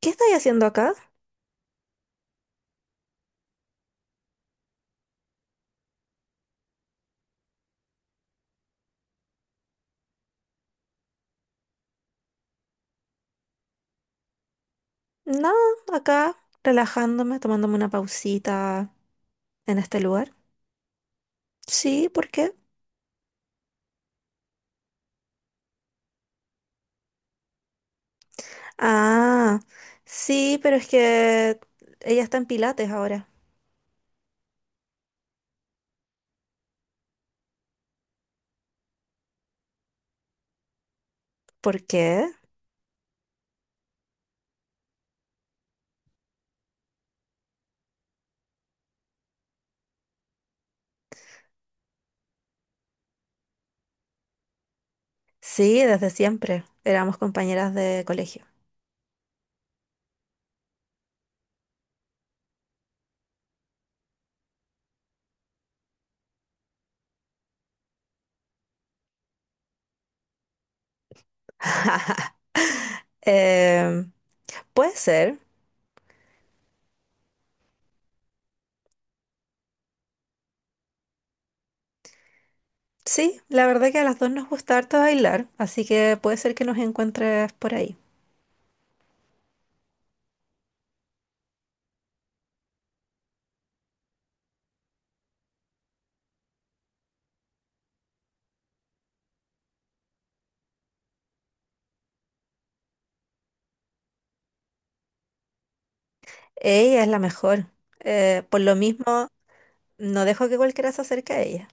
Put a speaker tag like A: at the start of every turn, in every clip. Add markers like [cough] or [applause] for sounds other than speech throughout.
A: ¿Qué estáis haciendo acá? Nada, acá relajándome, tomándome una pausita en este lugar. Sí, ¿por qué? Ah, sí, pero es que ella está en Pilates ahora. ¿Por qué? Sí, desde siempre. Éramos compañeras de colegio. [laughs] Eh, Puede ser. Sí, la verdad que a las dos nos gusta harto bailar, así que puede ser que nos encuentres por ahí. Ella es la mejor. Por lo mismo, no dejo que cualquiera se acerque a ella.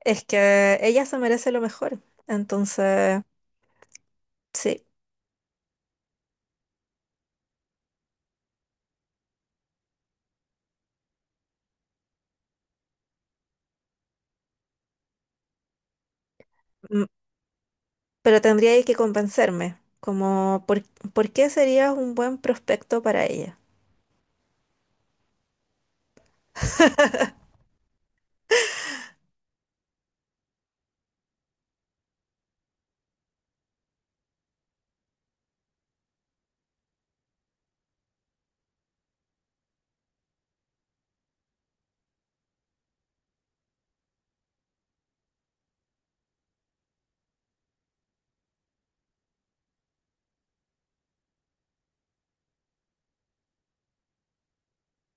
A: Es que ella se merece lo mejor. Entonces, sí. M- Pero tendría que convencerme. Como, ¿por qué serías un buen prospecto para ella?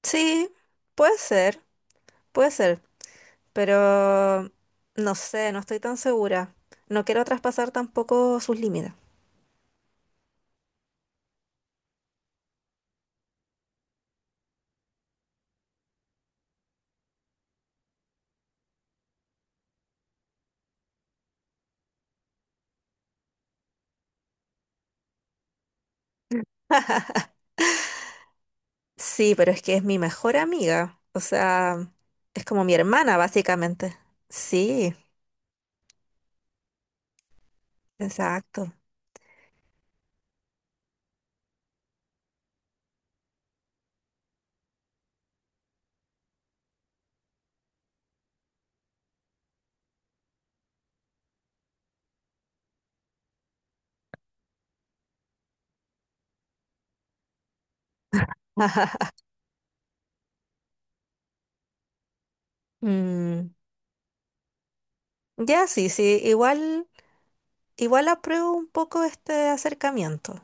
A: Sí, puede ser, puede ser. Pero no sé, no estoy tan segura. No quiero traspasar tampoco sus límites. Sí, pero es que es mi mejor amiga. O sea, es como mi hermana, básicamente. Sí, exacto. [laughs] Mm, ya, sí, sí. Igual. Igual apruebo un poco este acercamiento.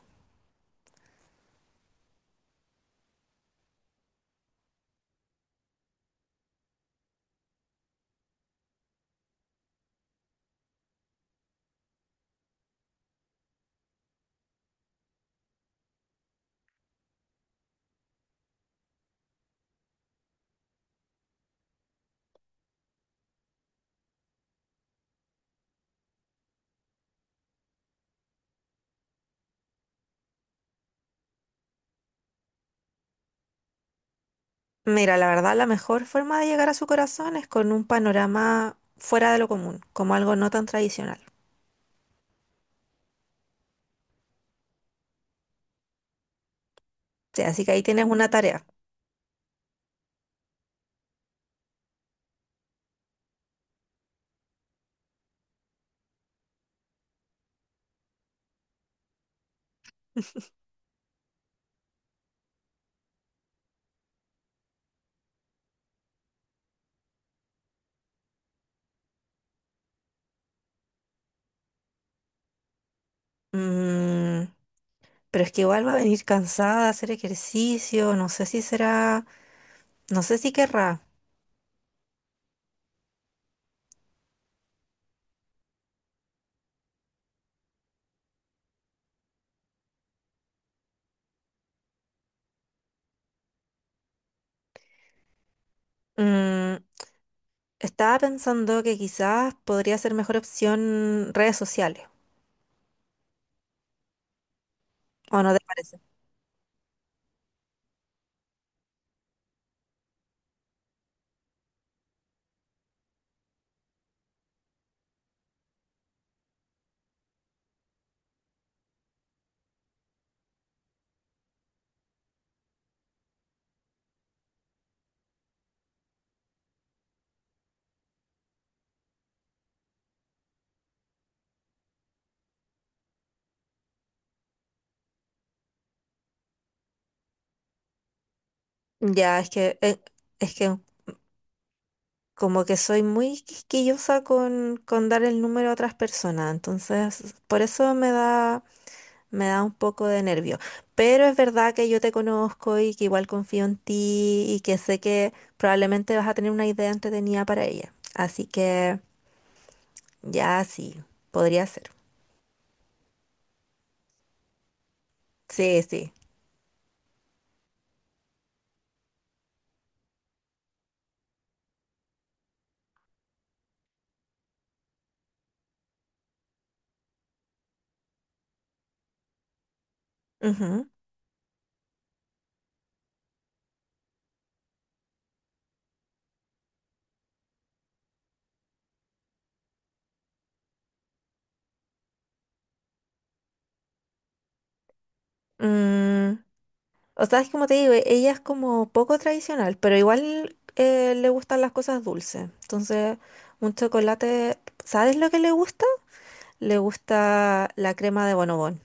A: Mira, la verdad, la mejor forma de llegar a su corazón es con un panorama fuera de lo común, como algo no tan tradicional. Sí, así que ahí tienes una tarea. Mm, pero es que igual va a venir cansada de hacer ejercicio, no sé si será, no sé si querrá. Mm, Estaba pensando que quizás podría ser mejor opción redes sociales, ¿o no te parece? Ya, es que, es que como que soy muy quisquillosa con dar el número a otras personas, entonces por eso me da un poco de nervio. Pero es verdad que yo te conozco y que igual confío en ti y que sé que probablemente vas a tener una idea entretenida para ella. Así que ya sí, podría ser. Sí, sí. Ujú. Mm, o sea, es como te digo, ella es como poco tradicional, pero igual le gustan las cosas dulces. Entonces, un chocolate, ¿sabes lo que le gusta? Le gusta la crema de bonobón.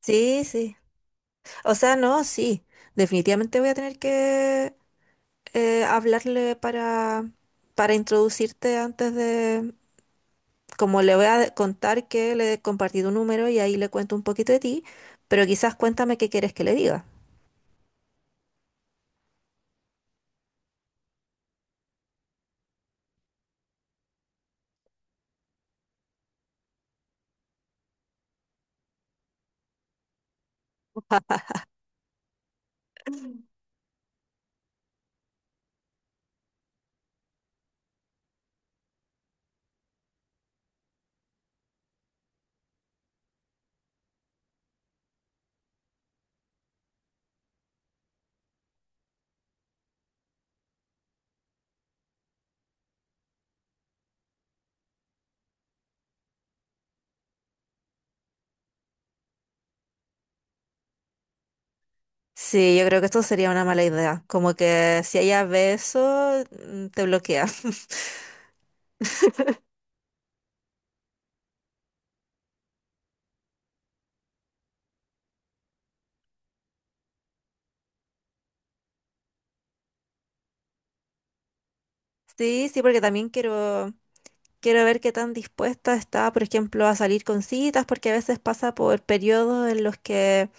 A: Sí, sí. O sea, no, sí. Definitivamente voy a tener que hablarle para introducirte antes de... Como le voy a contar que le he compartido un número y ahí le cuento un poquito de ti, pero quizás cuéntame qué quieres que le diga. Sí, yo creo que esto sería una mala idea. Como que si ella ve eso, mm, te bloquea. [laughs] Sí, sí, porque también quiero. Quiero ver qué tan dispuesta está, por ejemplo, a salir con citas, porque a veces pasa por periodos en los que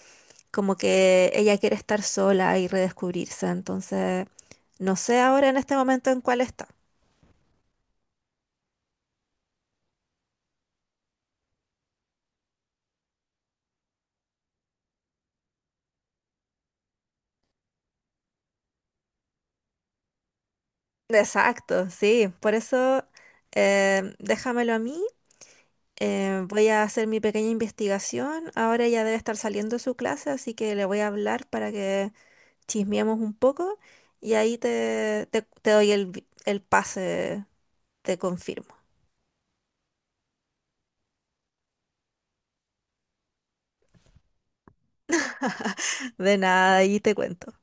A: como que ella quiere estar sola y redescubrirse. Entonces, no sé ahora en este momento en cuál está. Exacto, sí. Por eso, déjamelo a mí. Voy a hacer mi pequeña investigación. Ahora ya debe estar saliendo de su clase, así que le voy a hablar para que chismeemos un poco y ahí te doy el pase, te confirmo. De nada, ahí te cuento.